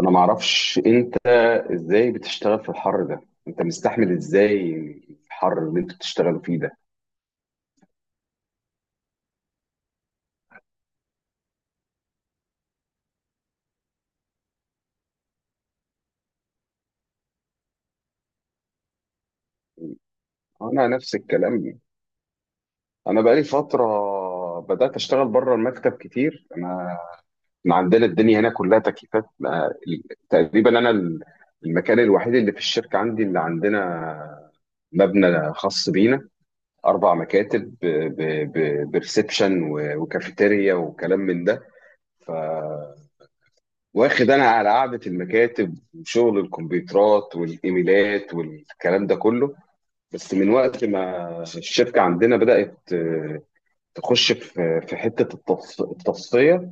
انا ما اعرفش انت ازاي بتشتغل في الحر ده. انت مستحمل ازاي الحر اللي انتوا بتشتغلوا فيه ده؟ انا نفس الكلام، انا بقالي فتره بدات اشتغل بره المكتب كتير انا. إحنا عندنا الدنيا هنا كلها تكييفات تقريبا انا المكان الوحيد اللي في الشركه عندي اللي عندنا مبنى خاص بينا، اربع مكاتب، بريسبشن وكافيتيريا وكلام من ده. واخد انا على قعده المكاتب وشغل الكمبيوترات والايميلات والكلام ده كله. بس من وقت ما الشركه عندنا بدات تخش في حته التصفيه.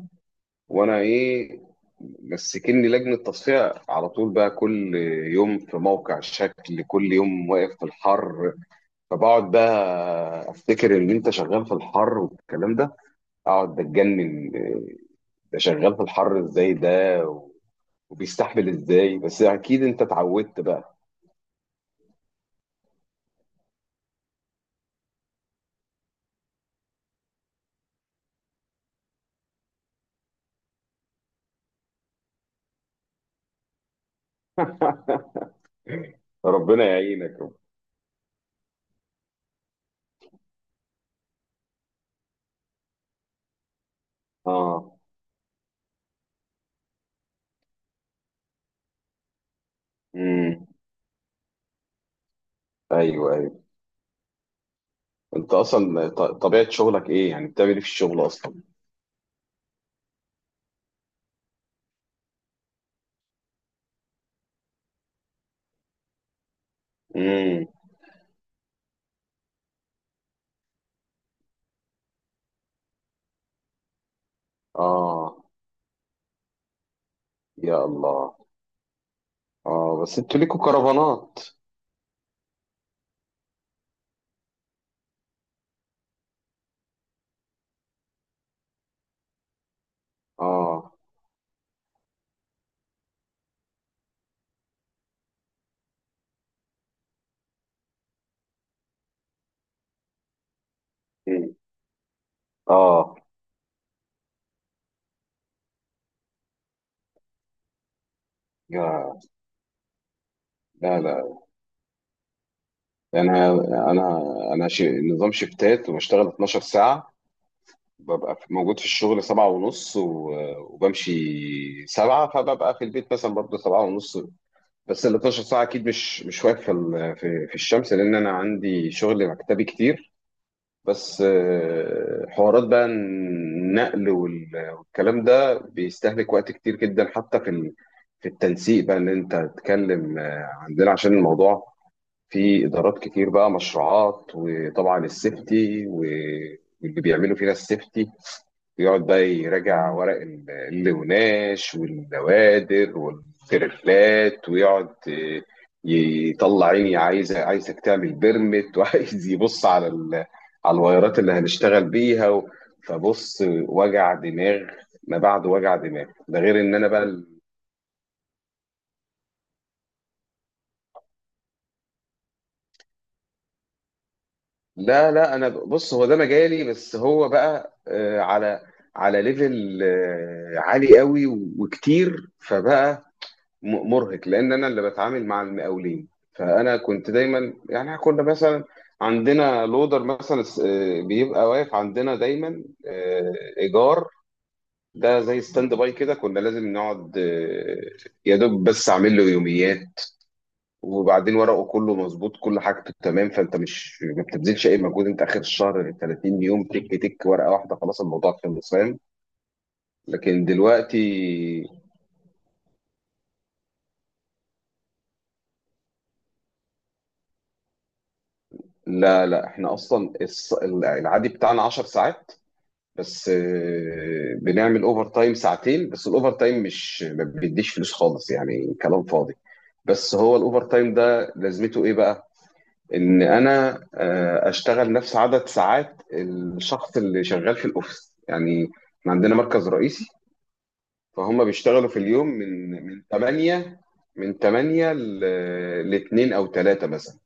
وانا ايه، مسكني لجنه تصفيه على طول بقى، كل يوم في موقع شكل، كل يوم واقف في الحر، فبقعد بقى افتكر ان انت شغال في الحر والكلام ده، اقعد اتجنن ده شغال في الحر ازاي ده وبيستحمل ازاي؟ بس اكيد انت اتعودت بقى. ربنا يعينك. اه. امم. ايوه ايوه. انت اصلا طبيعه شغلك ايه؟ يعني بتعمل ايه في الشغل اصلا؟ امم. اه، يا الله. اه بس انتوا ليكوا كرفانات. اه. مم. اه. يا، لا لا، انا انا انا نظام شفتات وبشتغل 12 ساعه. ببقى موجود في الشغل سبعة ونص وبمشي سبعة، فببقى في البيت مثلا برضه سبعة ونص. بس ال 12 ساعة أكيد مش واقف في في الشمس، لأن أنا عندي شغل مكتبي كتير. بس حوارات بقى النقل والكلام ده بيستهلك وقت كتير جدا، حتى في في التنسيق بقى، ان انت تتكلم عندنا عشان الموضوع، في ادارات كتير بقى، مشروعات، وطبعا السيفتي واللي بيعملوا فينا السيفتي بيقعد بقى يراجع ورق اللوناش والنوادر والترفلات، ويقعد يطلع عيني، عايزك تعمل بيرمت، وعايز يبص على على الوايرات اللي هنشتغل بيها فبص، وجع دماغ. ما بعد وجع دماغ ده غير ان انا بقى لا لا، انا بص، هو ده مجالي، بس هو بقى على ليفل عالي قوي وكتير، فبقى مرهق لان انا اللي بتعامل مع المقاولين. فانا كنت دايما يعني، كنا مثلا عندنا لودر مثلا بيبقى واقف عندنا دايما ايجار، ده زي ستاند باي كده، كنا لازم نقعد يا دوب بس اعمل له يوميات وبعدين ورقه، كله مظبوط، كل حاجته تمام، فانت مش ما بتبذلش اي مجهود، انت اخر الشهر 30 يوم تك تك ورقه واحده خلاص، الموضوع خلص، فاهم؟ لكن دلوقتي لا لا، احنا اصلا العادي بتاعنا 10 ساعات، بس بنعمل اوفر تايم ساعتين، بس الاوفر تايم مش ما بيديش فلوس خالص يعني، كلام فاضي. بس هو الاوفر تايم ده لازمته ايه بقى؟ ان انا اشتغل نفس عدد ساعات الشخص اللي شغال في الاوفيس يعني. إحنا عندنا مركز رئيسي، فهم بيشتغلوا في اليوم من 8، من 8 ل 2 او 3 مثلا.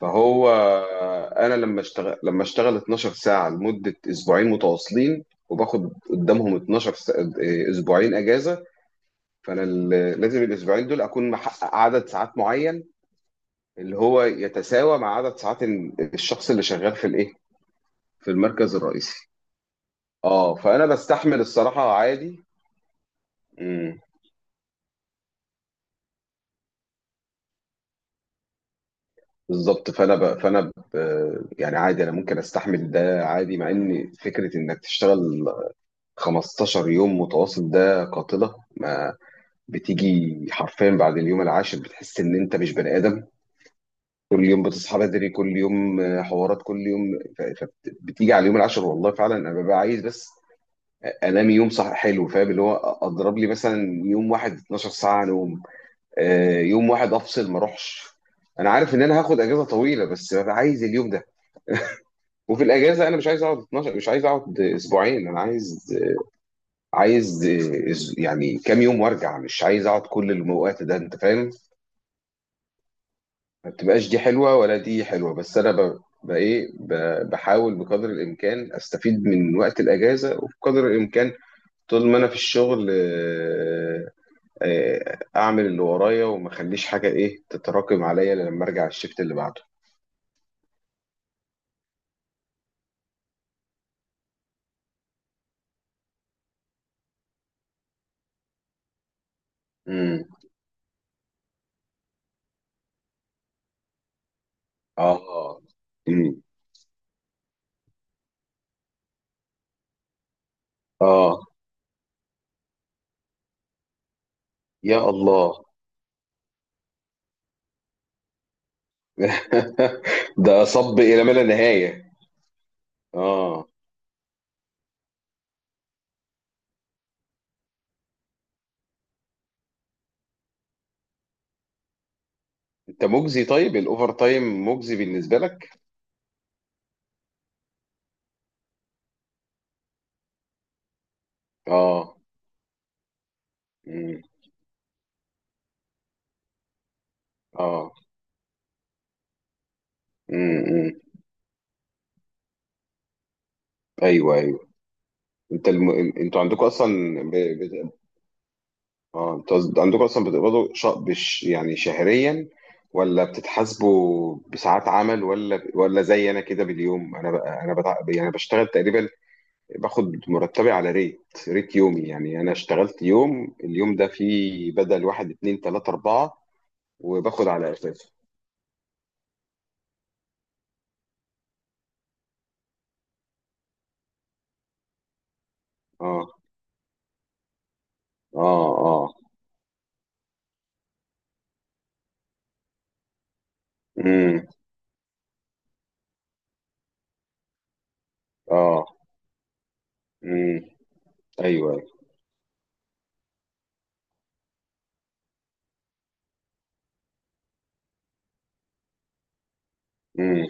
فهو انا لما اشتغل 12 ساعة لمدة اسبوعين متواصلين، وباخد قدامهم 12 اسبوعين اجازة. فانا لازم الاسبوعين دول اكون محقق عدد ساعات معين، اللي هو يتساوى مع عدد ساعات الشخص اللي شغال في الايه، في المركز الرئيسي. اه، فانا بستحمل الصراحه عادي. امم، بالظبط. يعني عادي، انا ممكن استحمل ده عادي، مع ان فكره انك تشتغل 15 يوم متواصل ده قاتله. ما بتيجي حرفيا بعد اليوم العاشر بتحس ان انت مش بني ادم. كل يوم بتصحى بدري، كل يوم حوارات، كل يوم فبتيجي على اليوم العاشر والله فعلا انا ببقى عايز بس انام يوم صح حلو، فاهم؟ اللي هو اضرب لي مثلا يوم واحد 12 ساعه نوم، يوم واحد افصل ما اروحش. انا عارف ان انا هاخد اجازه طويله، بس ببقى عايز اليوم ده. وفي الاجازه انا مش عايز اقعد 12، مش عايز اقعد اسبوعين، انا عايز، عايز يعني كام يوم وارجع، مش عايز اقعد كل الوقت ده، انت فاهم؟ ما بتبقاش دي حلوه ولا دي حلوه، بس انا ايه، بحاول بقدر الامكان استفيد من وقت الاجازه، وبقدر الامكان طول ما انا في الشغل اعمل اللي ورايا وما اخليش حاجه ايه تتراكم عليا لما ارجع الشفت اللي بعده. اه. امم. اه يا الله. ده صب الى ما لا نهايه. اه. انت مجزي؟ طيب الاوفر تايم مجزي بالنسبه لك؟ اه. امم. اه. امم، أمم. ايوه ايوه. انت الم... انتوا عندكم اصلا اه انتوا عندكم اصلا بتقبضوا يعني شهريا، ولا بتتحاسبوا بساعات عمل، ولا زي انا كده باليوم؟ انا يعني بشتغل تقريبا، باخد مرتبي على ريت، ريت يومي. يعني انا اشتغلت يوم، اليوم ده فيه بدل واحد اتنين تلاتة اربعة، وباخد على اساسه. اه. اه. اه. امم. اه. امم. ايوه. امم.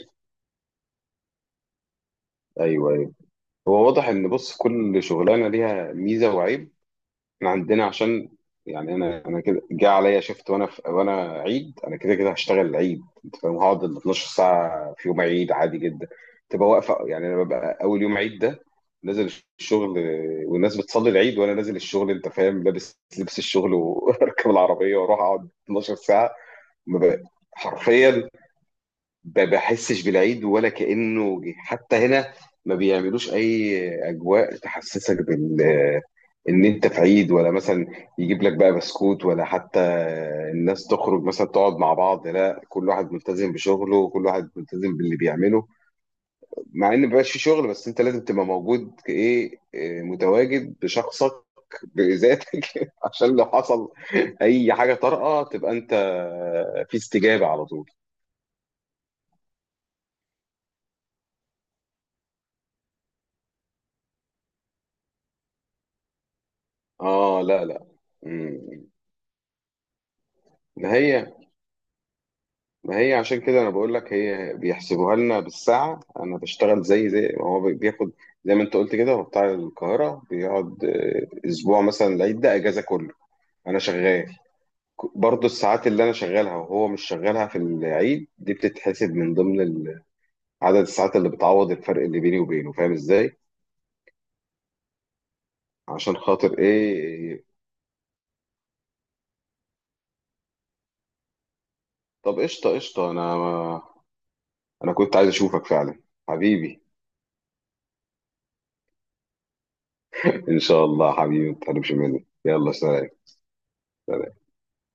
ايوه ايوه. هو واضح ان، بص، كل شغلانه ليها ميزه وعيب. احنا عندنا عشان، يعني انا كده جه عليا شفت، وانا عيد، انا كده كده هشتغل العيد، انت فاهم، هقعد ال 12 ساعه في يوم عيد عادي جدا. تبقى واقفه يعني، انا ببقى اول يوم عيد ده نازل الشغل والناس بتصلي العيد وانا نازل الشغل، انت فاهم، لابس لبس الشغل واركب العربيه واروح اقعد 12 ساعه. ما بقى- حرفيا بحسش بالعيد ولا كأنه جه. حتى هنا ما بيعملوش اي اجواء تحسسك ان انت في عيد، ولا مثلا يجيب لك بقى بسكوت، ولا حتى الناس تخرج مثلا تقعد مع بعض. لا، كل واحد ملتزم بشغله وكل واحد ملتزم باللي بيعمله، مع ان مبقاش في شغل، بس انت لازم تبقى موجود كايه، متواجد بشخصك بذاتك، عشان لو حصل اي حاجه طارئه تبقى انت في استجابه على طول. اه لا لا. مم. ما هي ما هي عشان كده انا بقول لك، هي بيحسبوها لنا بالساعه. انا بشتغل زي ما هو بياخد، زي ما انت قلت كده، هو بتاع القاهره بيقعد اسبوع مثلا العيد ده اجازه كله، انا شغال، برضه الساعات اللي انا شغالها وهو مش شغالها في العيد دي بتتحسب من ضمن عدد الساعات اللي بتعوض الفرق اللي بيني وبينه، فاهم ازاي؟ عشان خاطر ايه. طب قشطه قشطه. انا كنت عايز اشوفك فعلا، حبيبي. ان شاء الله حبيبي، ما تحرمش مني، يلا سلام.